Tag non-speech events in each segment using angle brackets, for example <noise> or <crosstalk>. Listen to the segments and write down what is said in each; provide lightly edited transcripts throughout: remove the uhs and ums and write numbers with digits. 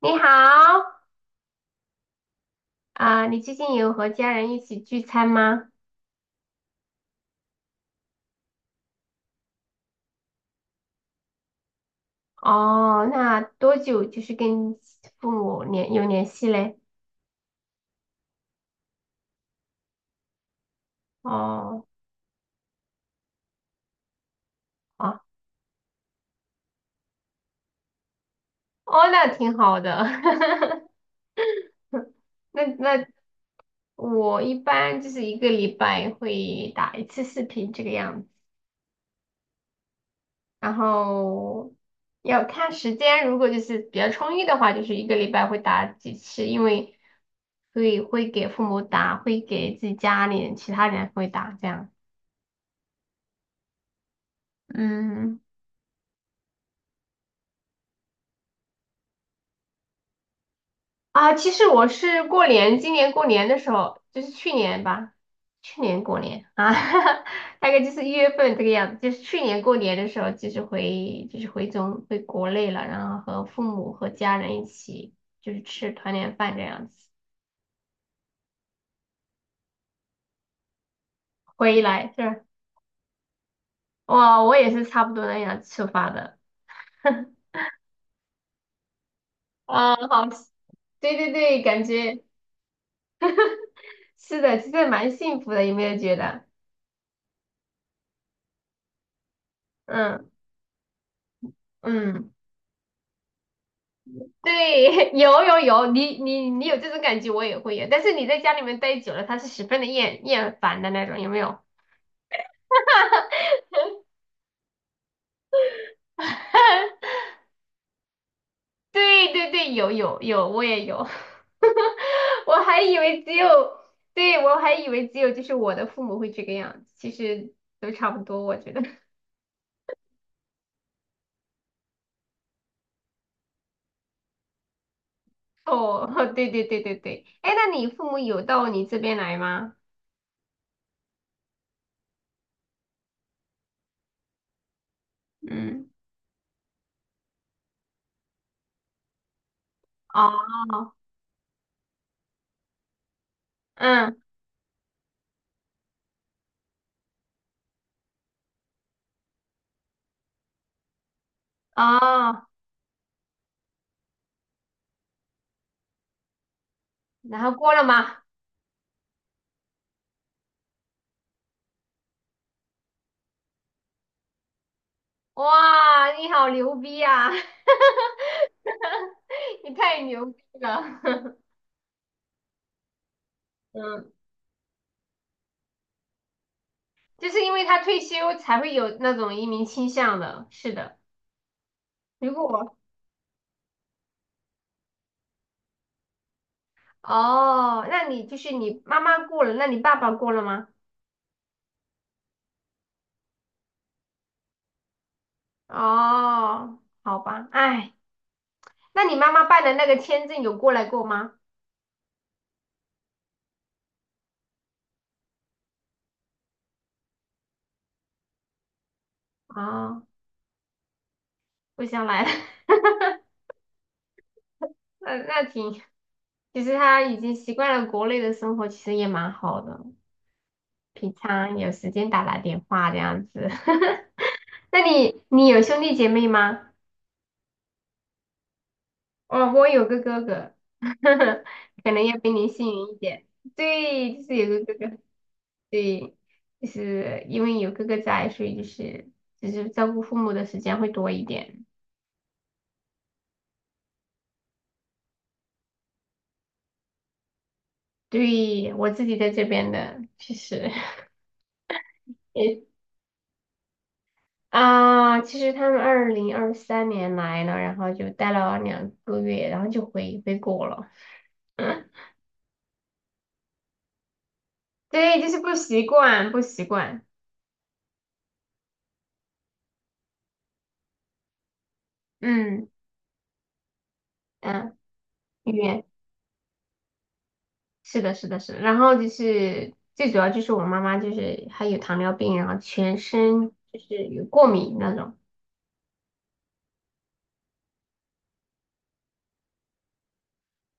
你好，啊、你最近有和家人一起聚餐吗？哦，那多久就是跟父母有联系嘞？哦，哦，哦，那挺好的。<laughs> 那我一般就是一个礼拜会打一次视频这个样子，然后要看时间，如果就是比较充裕的话，就是一个礼拜会打几次，因为会给父母打，会给自己家里人、其他人会打这样。嗯。啊，其实我是过年，今年过年的时候，就是去年吧，去年过年啊，<laughs> 大概就是1月份这个样子，就是去年过年的时候，就是回国内了，然后和父母和家人一起就是吃团年饭这样子，回来是哇，我也是差不多那样出发的，<laughs> 啊，好，对对对，感觉是的，其实蛮幸福的，有没有觉得？嗯嗯。对，<laughs> 有有有，你有这种感觉，我也会有。但是你在家里面待久了，他是十分的厌烦的那种，有没有？<laughs> 对对对，有有有，我也有。<laughs> 我还以为只有，对，我还以为只有就是我的父母会这个样子，其实都差不多，我觉得。<laughs> 哦，<laughs> 对对对对对，哎，那你父母有到你这边来吗？嗯，哦，嗯，哦，然后过了吗？哇，你好牛逼啊！<laughs> <laughs> 你太牛逼了，<laughs> 嗯，就是因为他退休才会有那种移民倾向的，是的。如果哦，那你就是你妈妈过了，那你爸爸过了吗？哦，好吧，哎，那你妈妈办的那个签证有过来过吗？哦，不想来了 <laughs> 那挺，其实他已经习惯了国内的生活，其实也蛮好的，平常有时间打打电话这样子。<laughs> 那你你有兄弟姐妹吗？哦，我有个哥哥，<laughs> 可能要比你幸运一点。对，就是有个哥哥，对，就是因为有哥哥在，所以就是就是照顾父母的时间会多一点。对，我自己在这边的，其实 <laughs> 也啊，其实他们2023年来了，然后就待了2个月，然后就回国了。<laughs> 对，就是不习惯，不习惯。嗯嗯，语言是的，是的，是的。然后就是最主要就是我妈妈就是还有糖尿病，然后全身就是有过敏那种。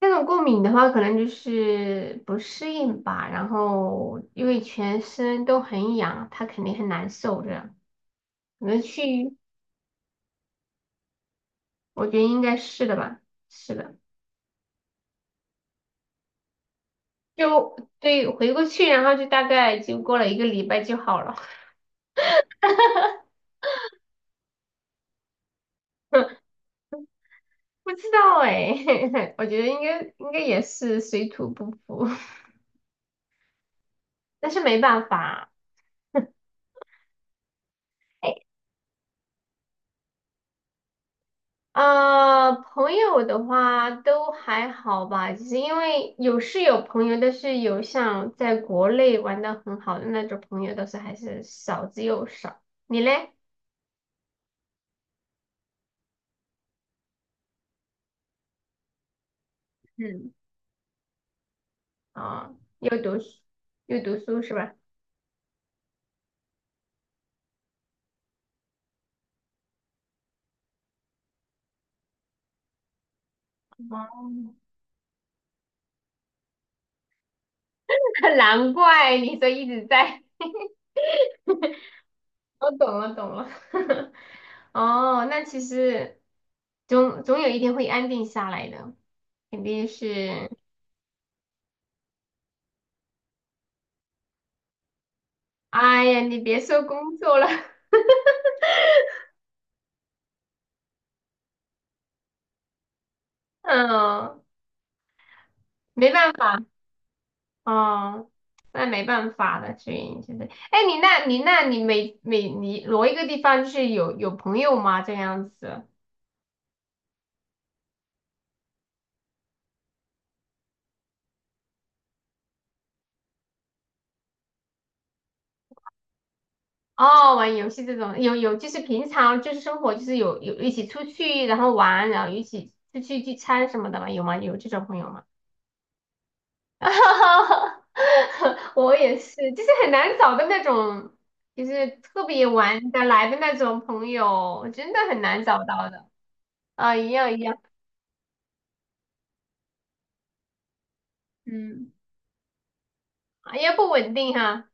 那种过敏的话，可能就是不适应吧。然后因为全身都很痒，她肯定很难受这样。可能去，我觉得应该是的吧。是的，就对，回过去，然后就大概就过了一个礼拜就好了。<laughs> 不知道哎、<laughs> 我觉得应该也是水土不服，<laughs> 但是没办法。啊，朋友的话都还好吧，就是因为有是有朋友，但是有像在国内玩的很好的那种朋友，倒是还是少之又少。你嘞？嗯，啊、又读书，又读书是吧？哦，<laughs> 难怪你说一直在。<laughs> 我懂了，懂了。<laughs> 哦，那其实总有一天会安定下来的，肯定是。哎呀，你别说工作了，<laughs> 嗯。没办法，哦，那没办法了，所以就是，哎，你那，你那，你每每你挪一个地方，就是有有朋友吗？这样子？哦，玩游戏这种，有有，就是平常就是生活就是有一起出去，然后玩，然后一起出去聚餐什么的吗？有吗？有这种朋友吗？<laughs> 我也是，就是很难找的那种就是特别玩得来的那种朋友，真的很难找到的啊，一样一样，嗯。啊也不稳定哈。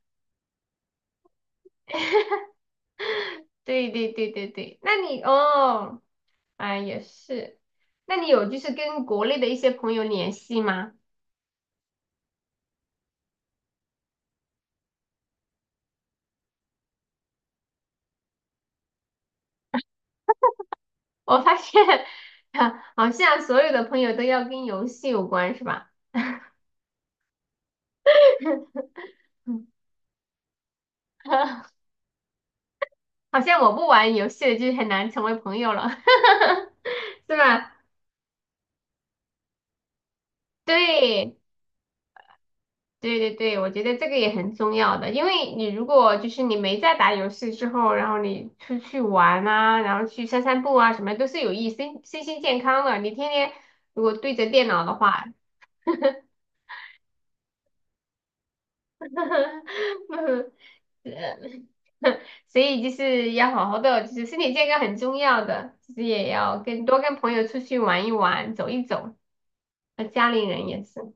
对对对对对，那你哦，啊也是，那你有就是跟国内的一些朋友联系吗？我发现 <laughs> 好像所有的朋友都要跟游戏有关，是吧？<laughs> <clears throat> 嗯好像我不玩游戏的就很难成为朋友了，<laughs> 是吧？对。对对对，我觉得这个也很重要的，因为你如果就是你没在打游戏之后，然后你出去玩啊，然后去散散步啊，什么都是有益身心健康的。你天天如果对着电脑的话，<laughs> 呃 <laughs> 所以就是要好好的，就是身体健康很重要的，其实也要跟多跟朋友出去玩一玩，走一走，和家里人也是。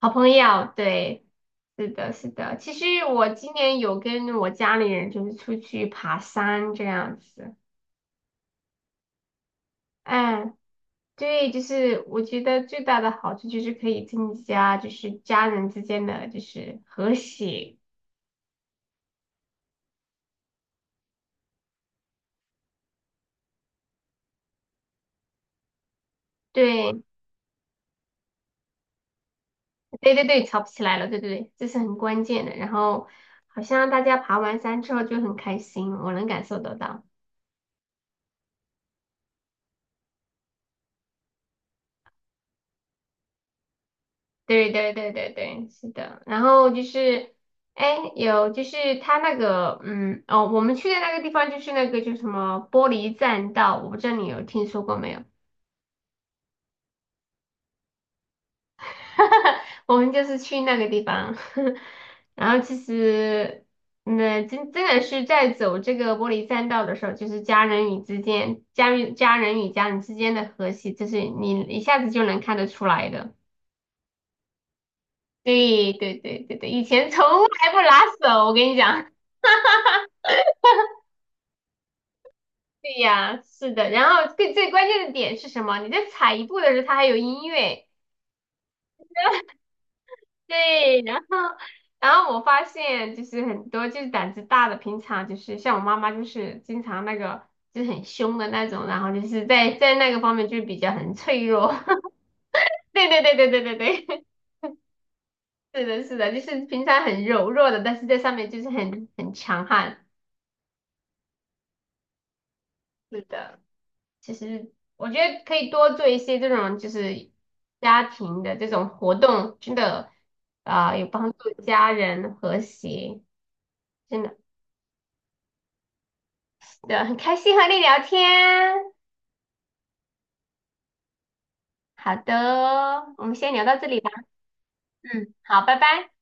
好朋友，对，是的，是的。其实我今年有跟我家里人就是出去爬山这样子，嗯，对，就是我觉得最大的好处就是可以增加就是家人之间的就是和谐，对，对对对，吵不起来了，对对对，这是很关键的。然后好像大家爬完山之后就很开心，我能感受得到。对对对对对，是的。然后就是，哎，有就是他那个，嗯，哦，我们去的那个地方就是那个叫什么玻璃栈道，我不知道你有听说过没有？<laughs> 我们就是去那个地方，<laughs> 然后其实，那、真真的是在走这个玻璃栈道的时候，就是家人与之间，家人与家人之间的和谐，就是你一下子就能看得出来的。对对对对对，以前从来不拉手，我跟你讲。对呀，是的。然后最最关键的点是什么？你在踩一步的时候，它还有音乐。对，然后我发现就是很多就是胆子大的，平常就是像我妈妈就是经常那个就是很凶的那种，然后就是在那个方面就是比较很脆弱。<laughs> 对对对对对对对，<laughs> 是的，是的，就是平常很柔弱的，但是在上面就是很强悍。是的。其实我觉得可以多做一些这种就是家庭的这种活动，真的啊、有帮助家人和谐，真的，对，很开心和你聊天。好的哦，我们先聊到这里吧。嗯，好，拜拜。